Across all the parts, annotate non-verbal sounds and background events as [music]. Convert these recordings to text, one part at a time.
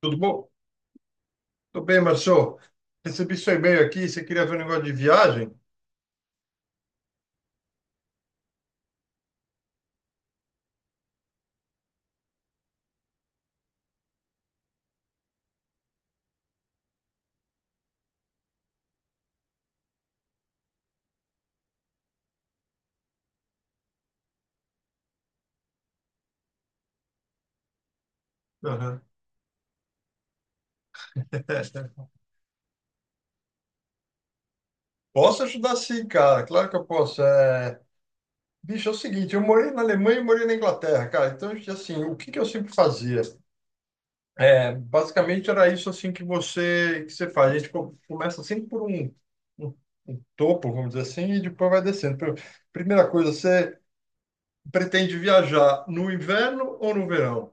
Tudo bom? Tudo bem, Marcio. Recebi seu e-mail aqui. Você queria ver um negócio de viagem? Aham. [laughs] Posso ajudar sim, cara. Claro que eu posso. Bicho, é o seguinte, eu morei na Alemanha e morei na Inglaterra, cara. Então, assim, o que que eu sempre fazia? Basicamente era isso assim que você faz. A gente começa sempre por um- um topo, vamos dizer assim, e depois vai descendo. Primeira coisa, você pretende viajar no inverno ou no verão?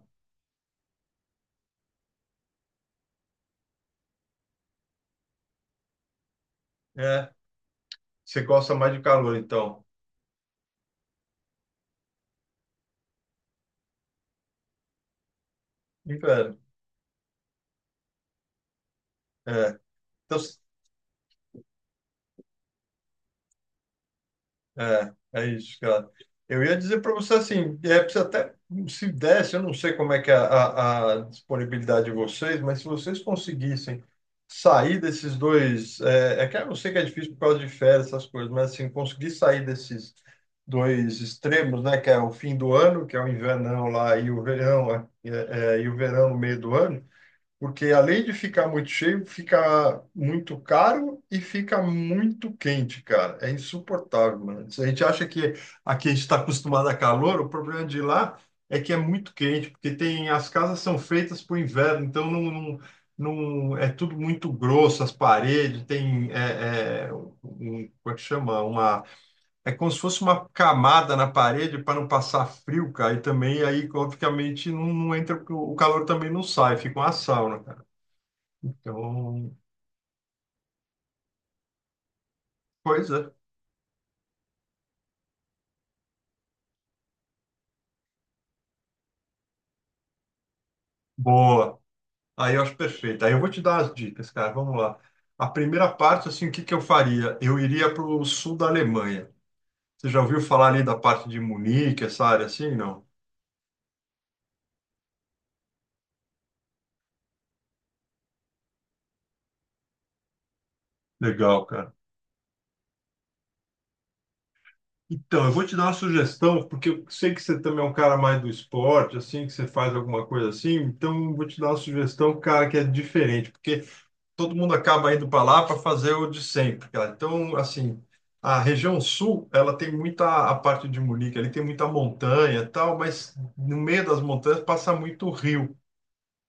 É, você gosta mais de calor, então? Inverno. É, então, é, é isso, cara. Eu ia dizer para você assim, se até se desse, eu não sei como é que é a disponibilidade de vocês, mas se vocês conseguissem sair desses dois, que eu sei que é difícil por causa de férias, essas coisas, mas assim, conseguir sair desses dois extremos, né, que é o fim do ano, que é o invernão lá, e o verão, e o verão no meio do ano. Porque além de ficar muito cheio, fica muito caro e fica muito quente, cara. É insuportável, mano. Se a gente acha que aqui a gente está acostumado a calor, o problema de lá é que é muito quente, porque tem as casas são feitas para o inverno, então é tudo muito grosso, as paredes tem um, como é que chama? Uma é como se fosse uma camada na parede para não passar frio, cara. E também aí, obviamente, não entra, o calor também não sai, fica uma sauna, cara. Então, coisa boa. Aí eu acho perfeito. Aí eu vou te dar as dicas, cara. Vamos lá. A primeira parte, assim, o que que eu faria? Eu iria para o sul da Alemanha. Você já ouviu falar ali da parte de Munique, essa área assim? Não? Legal, cara. Então, eu vou te dar uma sugestão, porque eu sei que você também é um cara mais do esporte, assim, que você faz alguma coisa assim. Então, eu vou te dar uma sugestão, cara, que é diferente, porque todo mundo acaba indo para lá para fazer o de sempre, cara. Então, assim, a região sul, ela tem muita, a parte de Munique, ali tem muita montanha e tal, mas no meio das montanhas passa muito rio.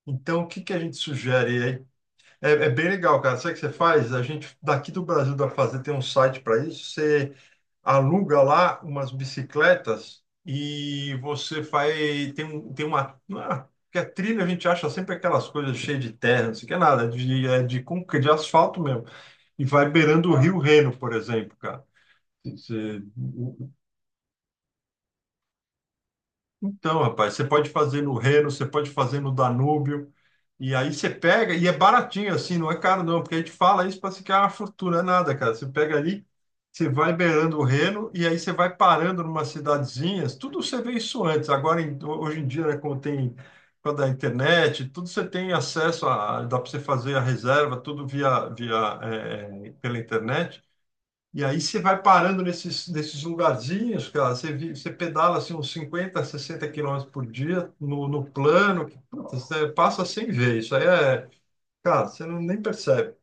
Então, o que que a gente sugere aí? É bem legal, cara. Sabe o que você faz? A gente daqui do Brasil da fazer, tem um site para isso. Você aluga lá umas bicicletas e você faz. Tem uma. Não é- Porque a trilha a gente acha sempre aquelas coisas cheias de terra, não sei o que é nada, de, é de, concre- de asfalto mesmo. E vai beirando o Rio Reno, por exemplo, cara. Você- Então, rapaz, você pode fazer no Reno, você pode fazer no Danúbio, e aí você pega, e é baratinho assim, não é caro não, porque a gente fala isso para se que é uma fortuna, é nada, cara. Você pega ali, você vai beirando o Reno, e aí você vai parando numa cidadezinhas, tudo você vê isso antes. Agora, hoje em dia, né, como tem, com a da internet, tudo você tem acesso a, dá para você fazer a reserva, tudo pela internet. E aí você vai parando nesses lugarzinhos, cara, você, você pedala assim uns 50, 60 quilômetros por dia no plano, que puta, você passa sem ver, isso aí é, cara, você não, nem percebe.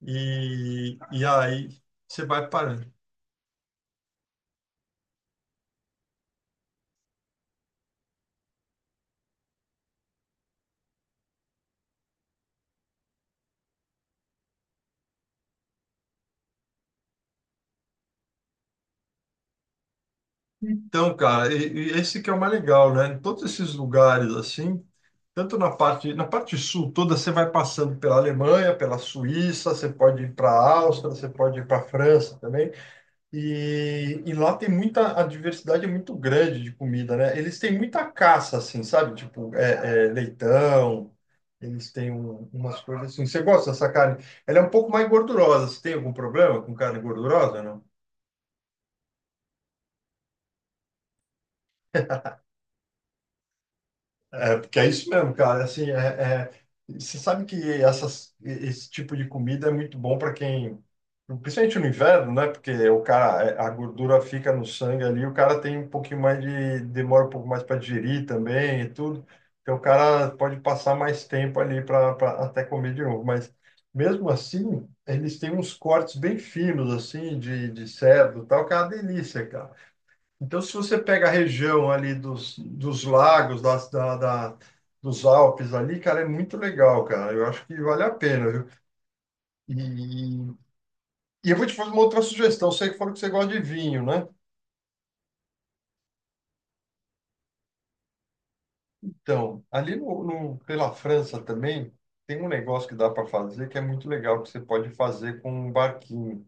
E aí você vai parando. Então, cara, e esse que é o mais legal, né? Em todos esses lugares assim, tanto na parte sul toda, você vai passando pela Alemanha, pela Suíça, você pode ir para a Áustria, você pode ir para a França também. E lá tem muita, a diversidade é muito grande de comida, né? Eles têm muita caça, assim, sabe? Tipo, leitão, eles têm umas coisas assim. Você gosta dessa carne? Ela é um pouco mais gordurosa. Você tem algum problema com carne gordurosa, não? Porque é isso mesmo, cara. Assim, é- você sabe que essas, esse tipo de comida é muito bom para quem, principalmente no inverno, né? Porque o cara, a gordura fica no sangue ali, o cara tem um pouquinho mais de, demora um pouco mais para digerir também e tudo. Então o cara pode passar mais tempo ali para até comer de novo. Mas mesmo assim, eles têm uns cortes bem finos, assim, de cerdo e tal, que é uma delícia, cara. Então, se você pega a região ali dos lagos, dos Alpes ali, cara, é muito legal, cara. Eu acho que vale a pena, viu? E, e eu vou te fazer uma outra sugestão. Sei que falou que você gosta de vinho, né? Então, ali pela França também, tem um negócio que dá para fazer que é muito legal, que você pode fazer com um barquinho.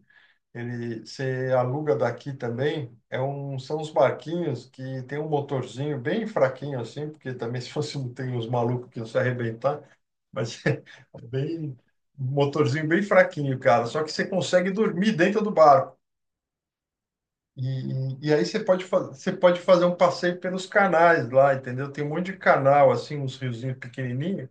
Ele, você aluga daqui também, são uns barquinhos que tem um motorzinho bem fraquinho assim, porque também [laughs] se fosse, tem uns malucos que iam se arrebentar. Mas [laughs] é bem, um motorzinho bem fraquinho, cara. Só que você consegue dormir dentro do barco. E, e aí você pode, você pode fazer um passeio pelos canais lá, entendeu? Tem um monte de canal, assim, uns riozinhos pequenininhos.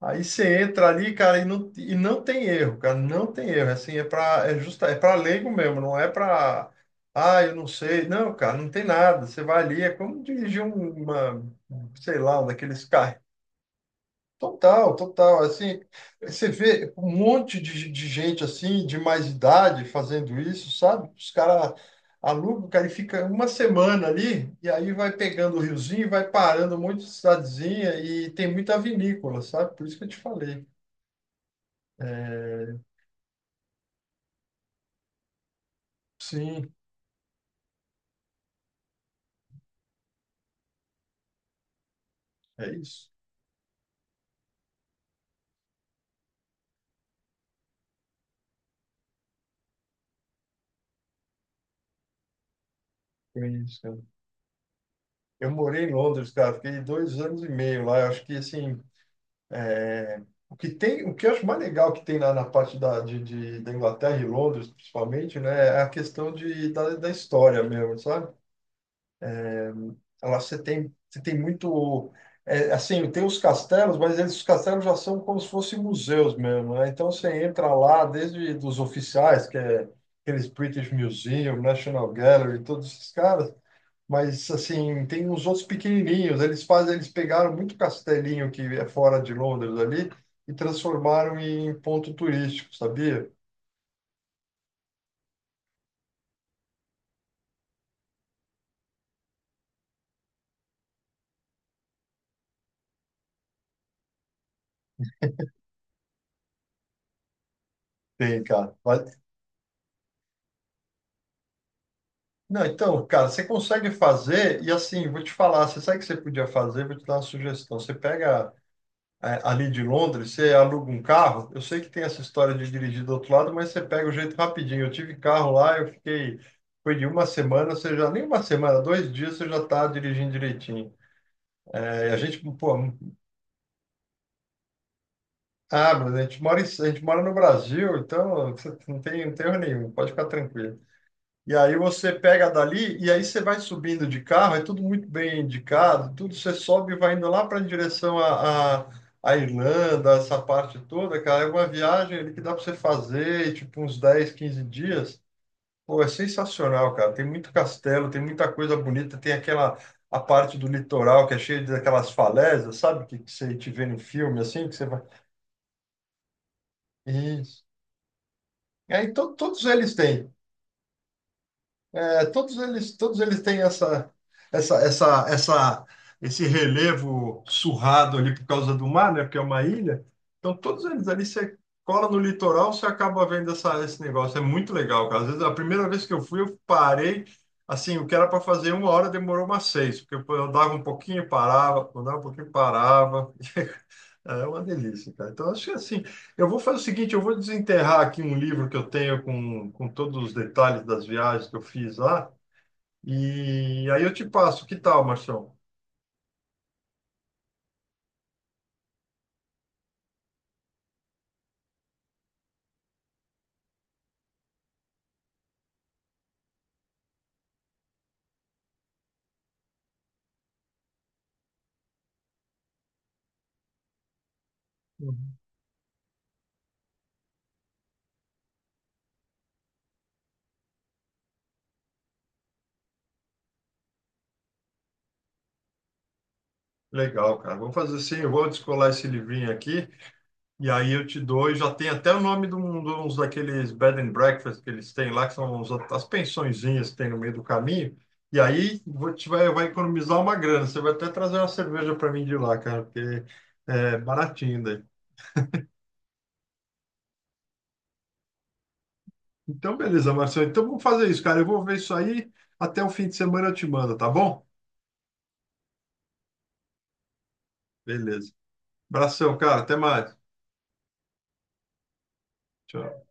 Aí você entra ali, cara, e não tem erro, cara, não tem erro. É assim, é para é justa, é para leigo mesmo, não é para ah, eu não sei. Não, cara, não tem nada. Você vai ali, é como dirigir uma, sei lá, um daqueles carros. Total, total. Assim, você vê um monte de gente assim, de mais idade, fazendo isso, sabe? Os caras alugam, o cara e fica uma semana ali, e aí vai pegando o riozinho, e vai parando um monte de cidadezinha, e tem muita vinícola, sabe? Por isso que eu te falei. É, sim, é isso. É isso, cara. Eu morei em Londres, cara, fiquei 2 anos e meio lá. Eu acho que, assim, o que tem, o que eu acho mais legal que tem na, na parte da, de- da Inglaterra e Londres, principalmente, né, é a questão da história mesmo, sabe? Ela você tem muito, é, assim, tem os castelos, mas eles, os castelos já são como se fossem museus mesmo, né? Então você entra lá, desde dos oficiais, que é aqueles British Museum, National Gallery, todos esses caras, mas assim, tem uns outros pequenininhos. Eles fazem, eles pegaram muito castelinho que é fora de Londres ali e transformaram em ponto turístico, sabia? Tem, cara. Não, então, cara, você consegue fazer e assim, vou te falar, você sabe o que você podia fazer? Vou te dar uma sugestão. Você pega ali de Londres, você aluga um carro. Eu sei que tem essa história de dirigir do outro lado, mas você pega o jeito rapidinho. Eu tive carro lá, eu fiquei, foi de uma semana, você já nem uma semana, dois dias você já está dirigindo direitinho. É, a gente, pô, ah, mas a gente mora, a gente mora no Brasil, então você não tem, não tem erro nenhum, pode ficar tranquilo. E aí você pega dali e aí você vai subindo de carro, é tudo muito bem indicado, tudo você sobe e vai indo lá para em direção à Irlanda, essa parte toda, cara, é uma viagem ali que dá para você fazer, tipo uns 10, 15 dias. Pô, é sensacional, cara. Tem muito castelo, tem muita coisa bonita, tem aquela a parte do litoral que é cheia daquelas falésias, sabe? Que você te vê no filme, assim, que você vai. Isso. E aí todos eles têm, todos eles têm essa, esse relevo surrado ali por causa do mar, né? Porque é uma ilha. Então todos eles ali você cola no litoral, você acaba vendo esse negócio. É muito legal, cara. Às vezes a primeira vez que eu fui, eu parei. Assim, o que era para fazer uma hora demorou umas seis, porque eu dava um pouquinho, parava, dava um pouquinho, parava. Ah, é uma delícia, cara. Então, acho que assim, eu vou fazer o seguinte, eu vou desenterrar aqui um livro que eu tenho com todos os detalhes das viagens que eu fiz lá, e aí eu te passo. Que tal, Marção? Uhum. Legal, cara. Vou fazer assim, eu vou descolar esse livrinho aqui, e aí eu te dou, e já tem até o nome de, um, de uns daqueles bed and breakfast que eles têm lá, que são as pensõezinhas que tem no meio do caminho, e aí vai economizar uma grana. Você vai até trazer uma cerveja para mim de lá, cara, porque é baratinho daí. Então, beleza, Marcelo. Então, vamos fazer isso, cara. Eu vou ver isso aí. Até o fim de semana eu te mando, tá bom? Beleza. Abração, cara. Até mais. Tchau.